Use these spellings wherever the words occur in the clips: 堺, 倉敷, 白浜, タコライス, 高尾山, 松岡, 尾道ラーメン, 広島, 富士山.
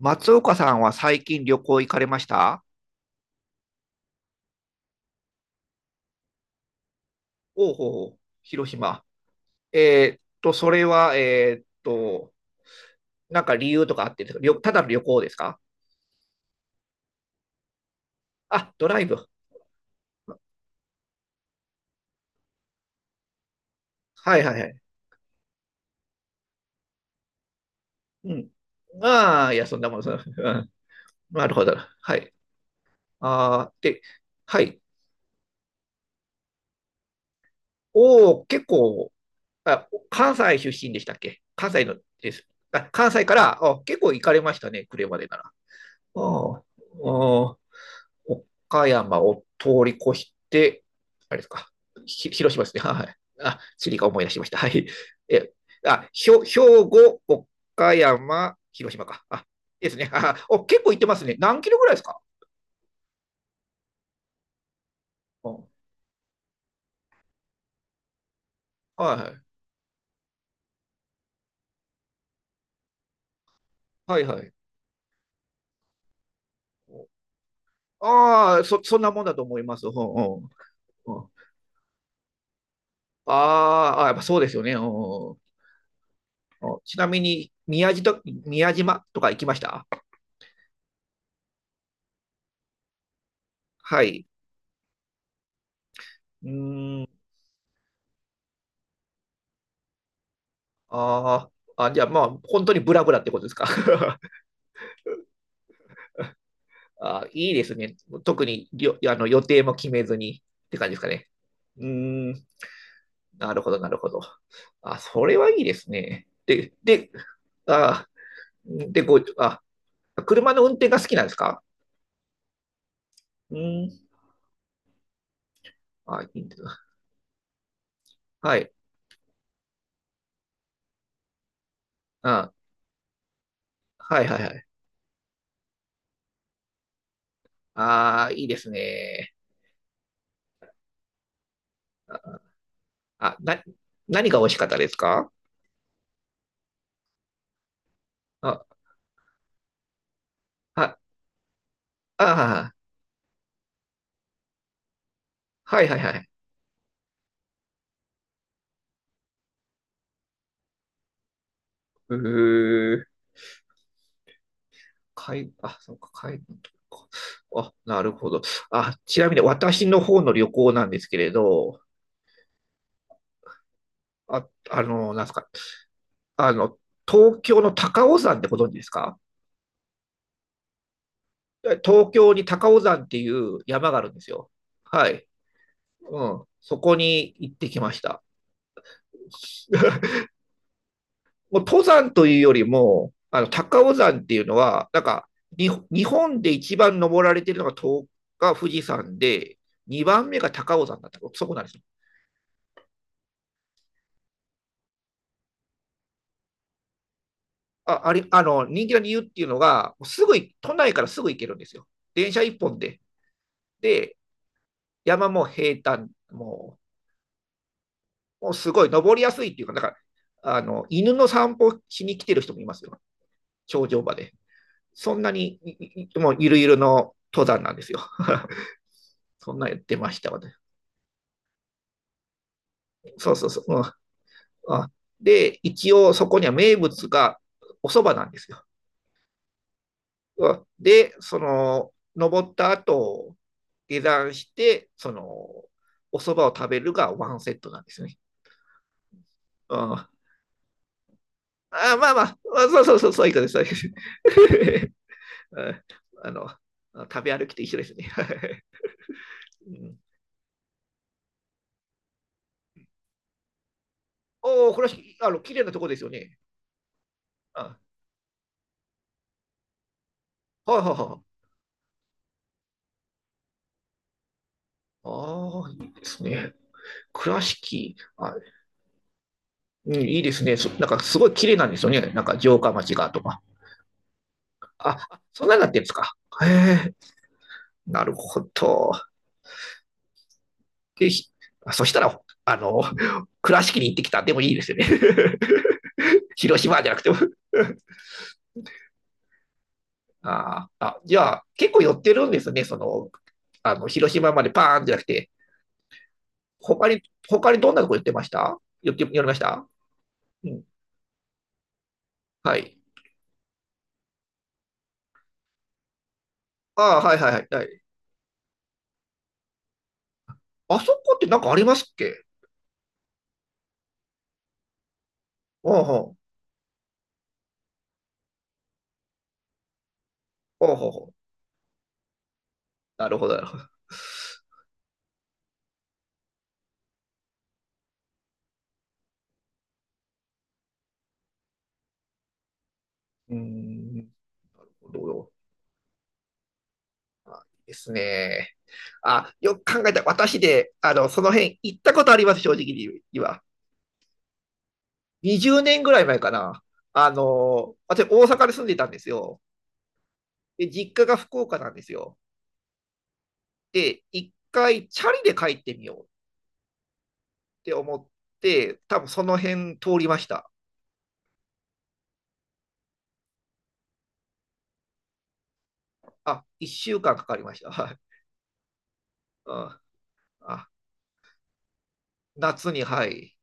松岡さんは最近旅行行かれました？おうほうほう、広島。それは、なんか理由とかあってですか？旅、ただの旅行ですか？あ、ドライブ。はいはいはい。うん。ああ、いや、そんなもん、そんな。うん。なるほど。はい。ああ、で、はい。おお、結構、あ、関西出身でしたっけ？関西のです。あ、関西から、あ、結構行かれましたね、車でなら。ああ、ああ、岡山を通り越して、あれですか、広島ですね。はい。あ、地理が思い出しました。はい。え、あ、兵庫、岡山、広島か。あ、ですね。あ、お、結構行ってますね。何キロぐらいですか？うん、はいはい。はいはい。ああ、そ、そんなもんだと思います。うんうん。うん、あーあ、やっぱそうですよね。うんうん、ちなみに宮島と、宮島とか行きました？はい。うん。あーあ、じゃあまあ、本当にブラブラってことですか。あー、いいですね。特によ、予定も決めずにって感じですかね。うーん、なるほど、なるほど。あ、それはいいですね。で、で、あー、で、ご、あ、車の運転が好きなんですか？うーん、あ、いいんですね。はい、あ、はい、はい、はい。ああ、いいですね。あ、な、何が美味しかったですか？あ、あ、あー、はい、はい、はい。うー、海、あ、そうか、海のとこか。あ、なるほど。あ、ちなみに私の方の旅行なんですけれど、あ、なんですか、あの、東京の高尾山ってご存知ですか？東京に高尾山っていう山があるんですよ。はい。うん。そこに行ってきました。もう登山というよりも、あの、高尾山っていうのは、なんか、に日本で一番登られてるのが東が富士山で、2番目が高尾山だった。そこなんですよ。あありあの人気の理由っていうのが、すぐい都内からすぐ行けるんですよ。電車一本で。で、山も平坦、もうすごい登りやすいっていうか、なんからあの犬の散歩しに来てる人もいますよ、頂上まで。そんなに、もうゆるゆるの登山なんですよ。そんなやってました、私。そうそうそう。うん、で、一応そこには名物がお蕎麦なんですよ。で、その、登った後、下山して、その、お蕎麦を食べるがワンセットなんですよね。うん、あ、まあまあまあ、そうそうそう、そういうことです、そういうことです。 あの、食べ歩きと一緒ですね。うん、おお、これはあの綺麗なとこですよね。あ、はいはいはい。ああ、いいですね。倉敷、あ、うん、いいですね。そなんかすごい綺麗なんですよね。なんか城下町がとか。あ、あ、そんなになってるんですか。へえ。なるほど。で、そしたら、あの、倉敷に行ってきたでもいいですよね。広島じゃなくても。 ああ。じゃあ、結構寄ってるんですね。その、あの、広島までパーンじゃなくて、他に、他にどんなとこ寄ってました、寄って、寄りました？うん。はい。ああ、はいはいはいはい。あそこってなんかありますっけ？おうほう。おうほうほう。なるほど、なるほど。うーん。どうよですね。あ、よく考えた。私で、あの、その辺行ったことあります、正直に言えば。20年ぐらい前かな。あの、私大阪に住んでたんですよ。で、実家が福岡なんですよ。で、一回チャリで帰ってみようって思って、多分その辺通りました。あ、1週間かんかかりました。はい。うん。あ、夏に、はい。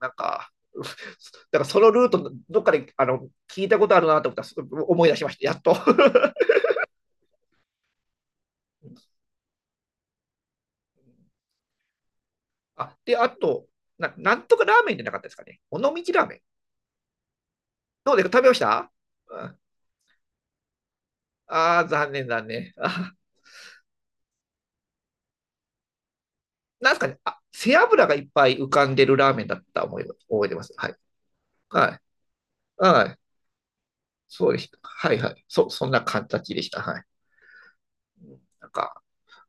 なんか、うだからそのルート、どっかであの聞いたことあるなと思ったら、す、思い出しました、やっと。あ、で、あと、な、なんとかラーメンじゃなかったですかね。尾道ラーメン。どうですか、食べました？ああー、残念、残念。あ、なんですかね。あ、背脂がいっぱい浮かんでるラーメンだった思い、覚えてます。はい。はい。はい。そうでした。はい、はい。そ、そんな形でした。はい。なんか、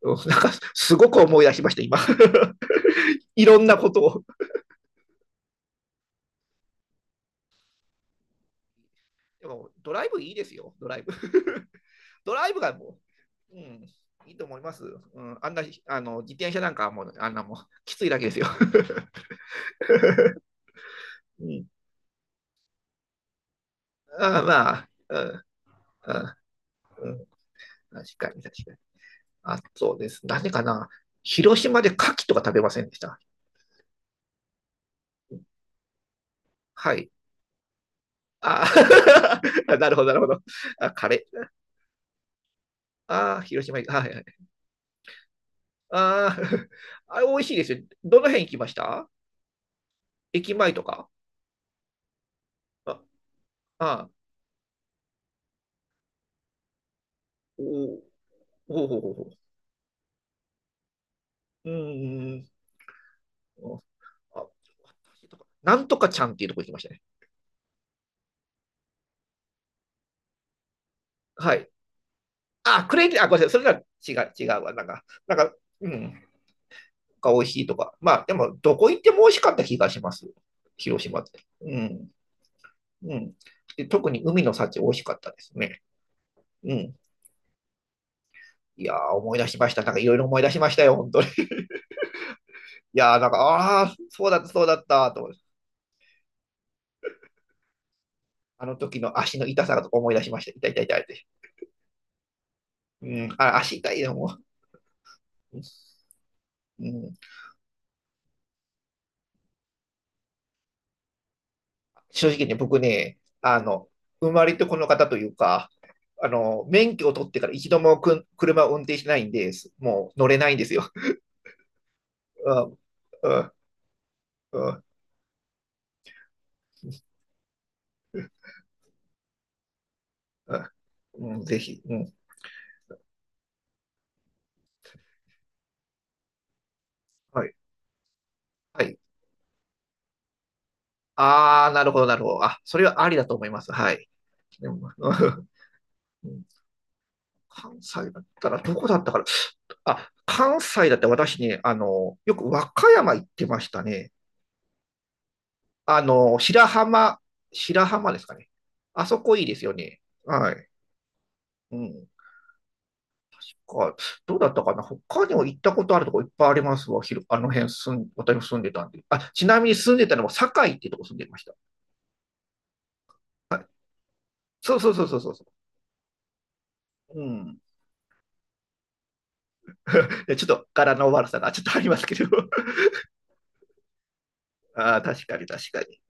うん、なんか、すごく思い出しました、今。いろんなことを。でも、ドライブいいですよ、ドライブ。ドライブがもう、うん、いいと思います。うん、あんな、あの、自転車なんかもう、あんなもう、きついだけですよ。うん、あ、まあ、うん、うんうん、確かに、確かに。あ、そうです。なかな。広島で牡蠣とか食べませんでした？はい。ああ。 なるほど、なるほど。あ、カレー。ああ、広島行く。はいはい。ああ、あれ美味しいですよ。どの辺行きました？駅前とか？ああ、おほうほうほうほう。うーん。あ、なんとかちゃんっていうとこ行きましたね。はい。あ、クレイジー、あ、ごめんなさい。それなら違う、違うわ。なんか、なんか、うん。が美味しいとか。まあ、でも、どこ行っても美味しかった気がします。広島って。うん。うん。で、特に海の幸美味しかったですね。うん。いやー、思い出しました。なんかいろいろ思い出しましたよ、本当に。いやー、なんか、ああ、そうだった、そうだった、と思って。あの時の足の痛さが思い出しました。痛い痛い痛いって。うん、あ、足痛いよ、もう。うん、正直ね、僕ね、あの、生まれてこの方というか、あの、免許を取ってから一度もくん車を運転しないんで、す、もう乗れないんですよ。うん、うん、うん、うん、ぜひ。うん。はい。はい。ああ、なるほど、なるほど。あ、それはありだと思います。はい。でも、うん、関西だったら、どこだったから、あ、関西だって私ね、あの、よく和歌山行ってましたね。あの、白浜、白浜ですかね。あそこいいですよね。はい。うん。か、どうだったかな。他にも行ったことあるとこいっぱいありますわ。ひろ、あの辺住ん、私も住んでたんで。あ、ちなみに住んでたのも堺ってとこ住んでました。はい。そうそうそうそうそうそう。うん。でちょっと柄の悪さがちょっとありますけど。ああ、確かに確かに。